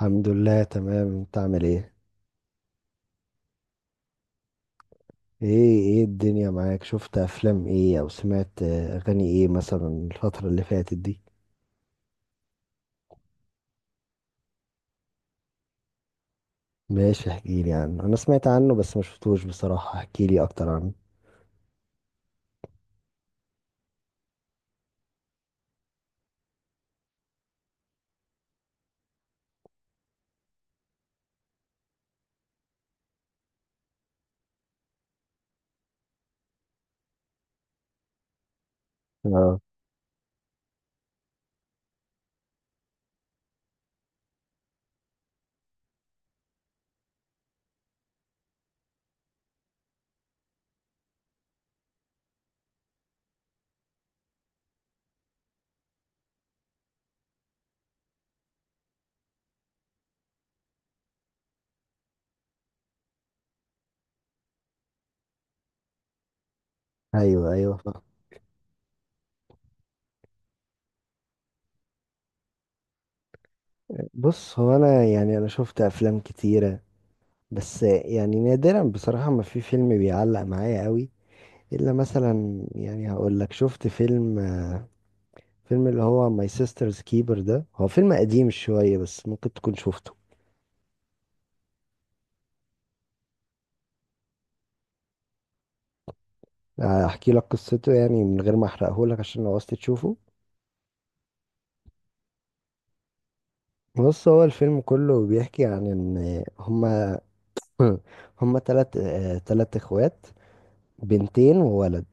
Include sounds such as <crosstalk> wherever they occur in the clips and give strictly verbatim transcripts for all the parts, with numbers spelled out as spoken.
الحمد لله، تمام. انت عامل ايه؟ ايه ايه الدنيا معاك؟ شفت افلام ايه او سمعت اه، اغاني ايه مثلا الفترة اللي فاتت دي؟ ماشي احكيلي عنه، انا سمعت عنه بس ما شفتوش بصراحة، احكيلي اكتر عنه. اه، ايوه ايوه فاهم. بص، هو انا يعني انا شفت افلام كتيرة، بس يعني نادرا بصراحة ما في فيلم بيعلق معايا قوي، الا مثلا يعني هقول لك شفت فيلم فيلم اللي هو My Sister's Keeper. ده هو فيلم قديم شوية بس ممكن تكون شفته. احكي لك قصته يعني من غير ما احرقه لك عشان لو عايز تشوفه. بص، هو الفيلم كله بيحكي عن ان هما <clears throat> <laughs> هما تلات آه، تلات اخوات، بنتين وولد.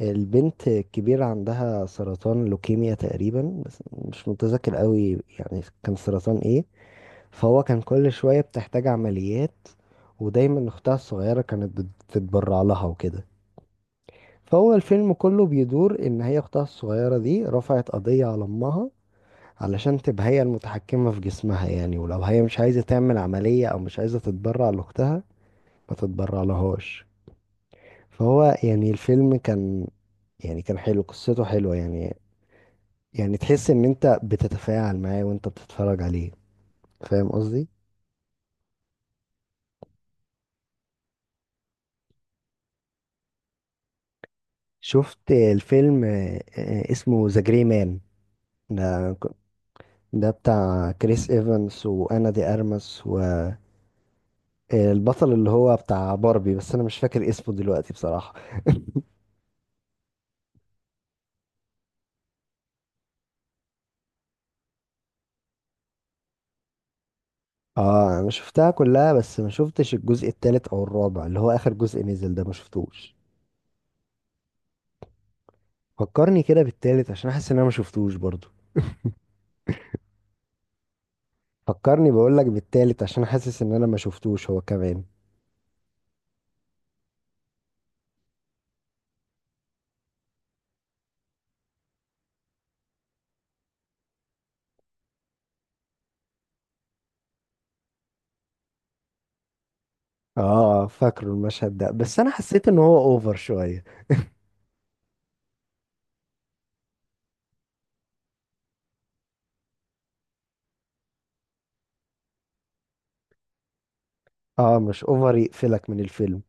البنت الكبيرة عندها سرطان لوكيميا تقريبا بس مش متذكر قوي يعني كان سرطان ايه. فهو كان كل شوية بتحتاج عمليات، ودايما أختها الصغيرة كانت بتتبرع لها وكده. فهو الفيلم كله بيدور إن هي أختها الصغيرة دي رفعت قضية على أمها علشان تبقى هي المتحكمة في جسمها، يعني ولو هي مش عايزة تعمل عملية أو مش عايزة تتبرع لأختها ما تتبرع لهاش. فهو يعني الفيلم كان، يعني كان حلو، قصته حلوة يعني. يعني تحس إن أنت بتتفاعل معاه وأنت بتتفرج عليه. فاهم قصدي؟ شفت الفيلم آه، آه، اسمه ذا جري مان. ده ده بتاع كريس ايفنس وانا دي ارمس، والبطل اللي هو بتاع باربي بس انا مش فاكر اسمه دلوقتي بصراحة. <laughs> اه، انا شفتها كلها بس ما شفتش الجزء التالت او الرابع اللي هو اخر جزء نزل ده، ما شفتوش. فكرني كده بالتالت عشان احس ان انا ما شفتوش برضو. فكرني بقول لك بالتالت عشان حاسس ان انا ما شفتوش هو كمان. اه، آه، فاكره المشهد ده بس انا حسيت ان هو اوفر شوية. اه مش اوفر يقفلك من الفيلم.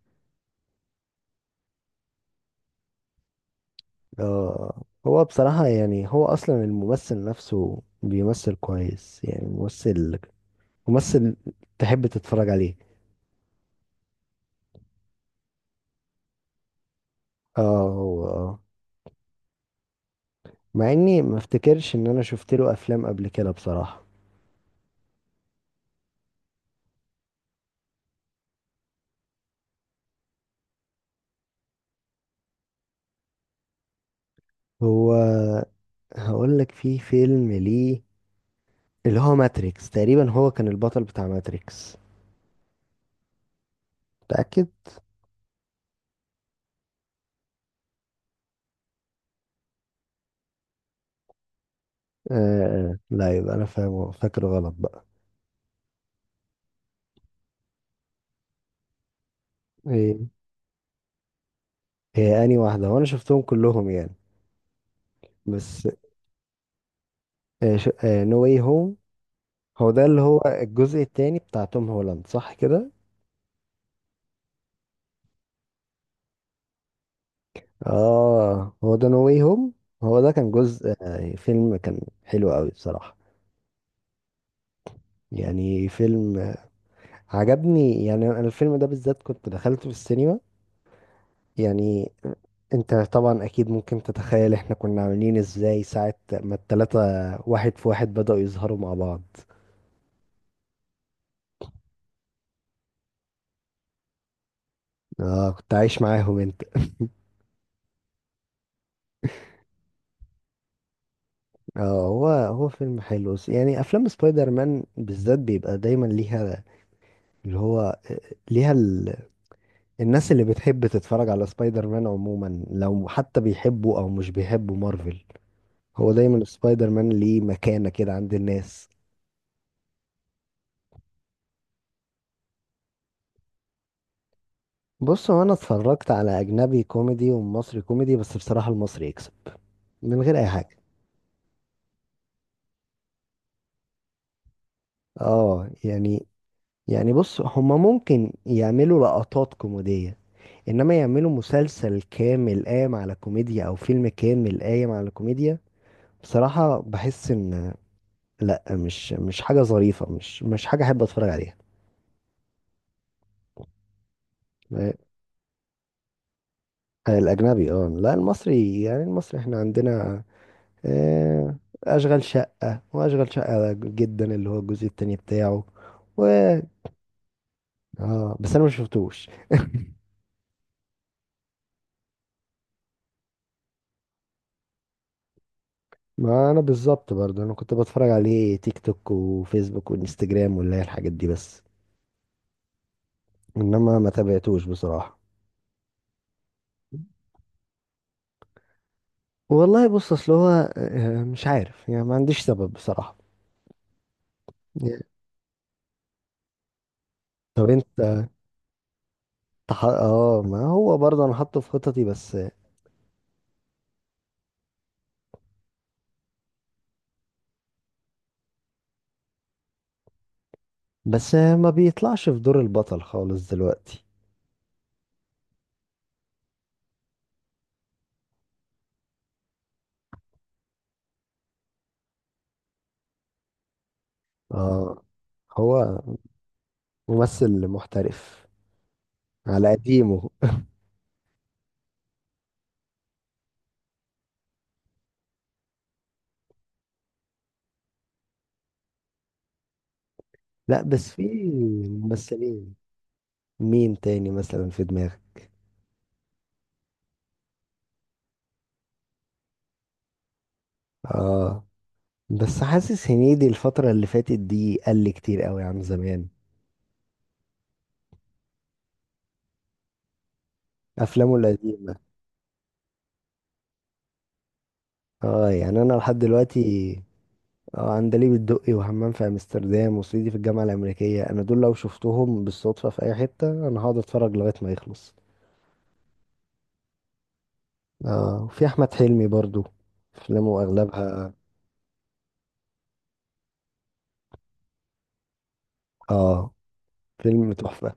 آه، هو بصراحة يعني هو أصلا الممثل نفسه بيمثل كويس، يعني ممثل ممثل تحب تتفرج عليه. اه هو اه، مع إني ما افتكرش إن أنا شفت له أفلام قبل كده بصراحة. هو هقول لك في فيلم ليه اللي هو ماتريكس تقريبا، هو كان البطل بتاع ماتريكس. متأكد؟ آه آه، لا يبقى أنا فاهم، فاكر غلط بقى. إيه هي أنهي واحدة؟ وأنا شفتهم كلهم يعني، بس نو واي هوم. هو ده اللي هو الجزء التاني بتاع توم هولاند، صح كده؟ اه هو ده نو واي هوم. هو ده كان جزء آه، فيلم كان حلو قوي بصراحة. يعني فيلم آه، عجبني، يعني انا الفيلم ده بالذات كنت دخلته في السينما. يعني انت طبعا اكيد ممكن تتخيل احنا كنا عاملين ازاي ساعة ما التلاتة واحد في واحد بدأوا يظهروا مع بعض. اه كنت عايش معاهم انت. اه، هو هو فيلم حلو، س- يعني افلام سبايدر مان بالذات بيبقى دايما ليها، اللي هو ليها ال... الناس اللي بتحب تتفرج على سبايدر مان عموما، لو حتى بيحبوا او مش بيحبوا مارفل، هو دايما سبايدر مان ليه مكانة كده عند الناس. بص هو انا اتفرجت على اجنبي كوميدي ومصري كوميدي، بس بصراحة المصري يكسب من غير اي حاجة. اه يعني، يعني بص هما ممكن يعملوا لقطات كوميدية، انما يعملوا مسلسل كامل قايم على كوميديا او فيلم كامل قايم على كوميديا، بصراحة بحس ان لا، مش مش حاجة ظريفة، مش مش حاجة أحب أتفرج عليها. آه، الأجنبي اه لا، المصري، يعني المصري احنا عندنا آه، أشغال شقة وأشغال شقة جدا اللي هو الجزء التاني بتاعه. و اه بس أنا ما شفتوش. <laughs> ما أنا بالظبط برضه، أنا كنت بتفرج عليه تيك توك وفيسبوك وإنستجرام واللي هي الحاجات دي، بس إنما ما تابعتوش بصراحة. والله بص أصل هو آه، مش عارف يعني، ما عنديش سبب بصراحة. طب أنت تح... اه ما هو برضه انا حاطه في خططي بس. بس ما بيطلعش في دور البطل خالص دلوقتي. اه هو ممثل محترف على قديمه. لا بس في ممثلين، مين تاني مثلا في دماغك؟ اه بس حاسس هنيدي الفترة اللي فاتت دي قل كتير قوي عن زمان، افلامه القديمة. اه يعني انا لحد دلوقتي، اه عندليب الدقي وحمام في امستردام وسيدي في الجامعه الامريكيه، انا دول لو شفتهم بالصدفه في اي حته انا هقعد اتفرج لغايه ما يخلص. اه وفي احمد حلمي برضو، افلامه اغلبها، اه فيلم تحفه.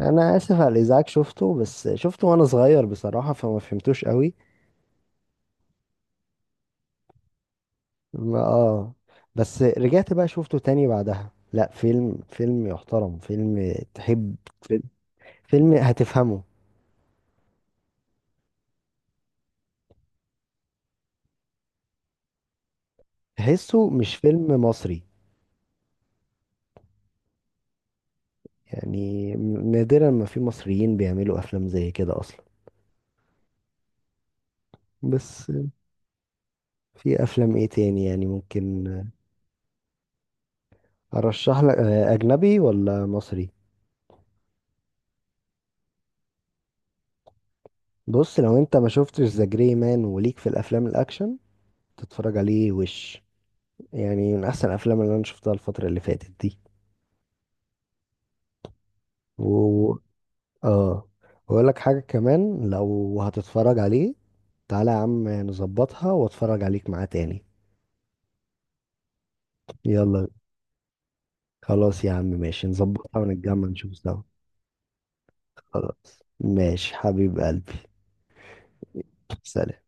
انا اسف على الازعاج شفته، بس شفته وانا صغير بصراحه فما فهمتوش قوي. ما اه بس رجعت بقى شفته تاني بعدها، لا فيلم فيلم يحترم، فيلم تحب، فيلم فيلم هتفهمه. تحسه مش فيلم مصري، يعني نادرا ما في مصريين بيعملوا افلام زي كده اصلا. بس في افلام ايه تاني يعني ممكن ارشح لك، آه، اجنبي ولا مصري؟ بص لو انت ما شفتش ذا جري مان وليك في الافلام الاكشن، تتفرج عليه وش، يعني من احسن الافلام اللي انا شفتها الفترة اللي فاتت دي. و اه واقول لك حاجة كمان، لو هتتفرج عليه تعالى يا عم نظبطها واتفرج عليك معاه تاني. يلا خلاص يا عم ماشي، نظبطها ونتجمع نشوف سوا. خلاص ماشي حبيب قلبي. سلام.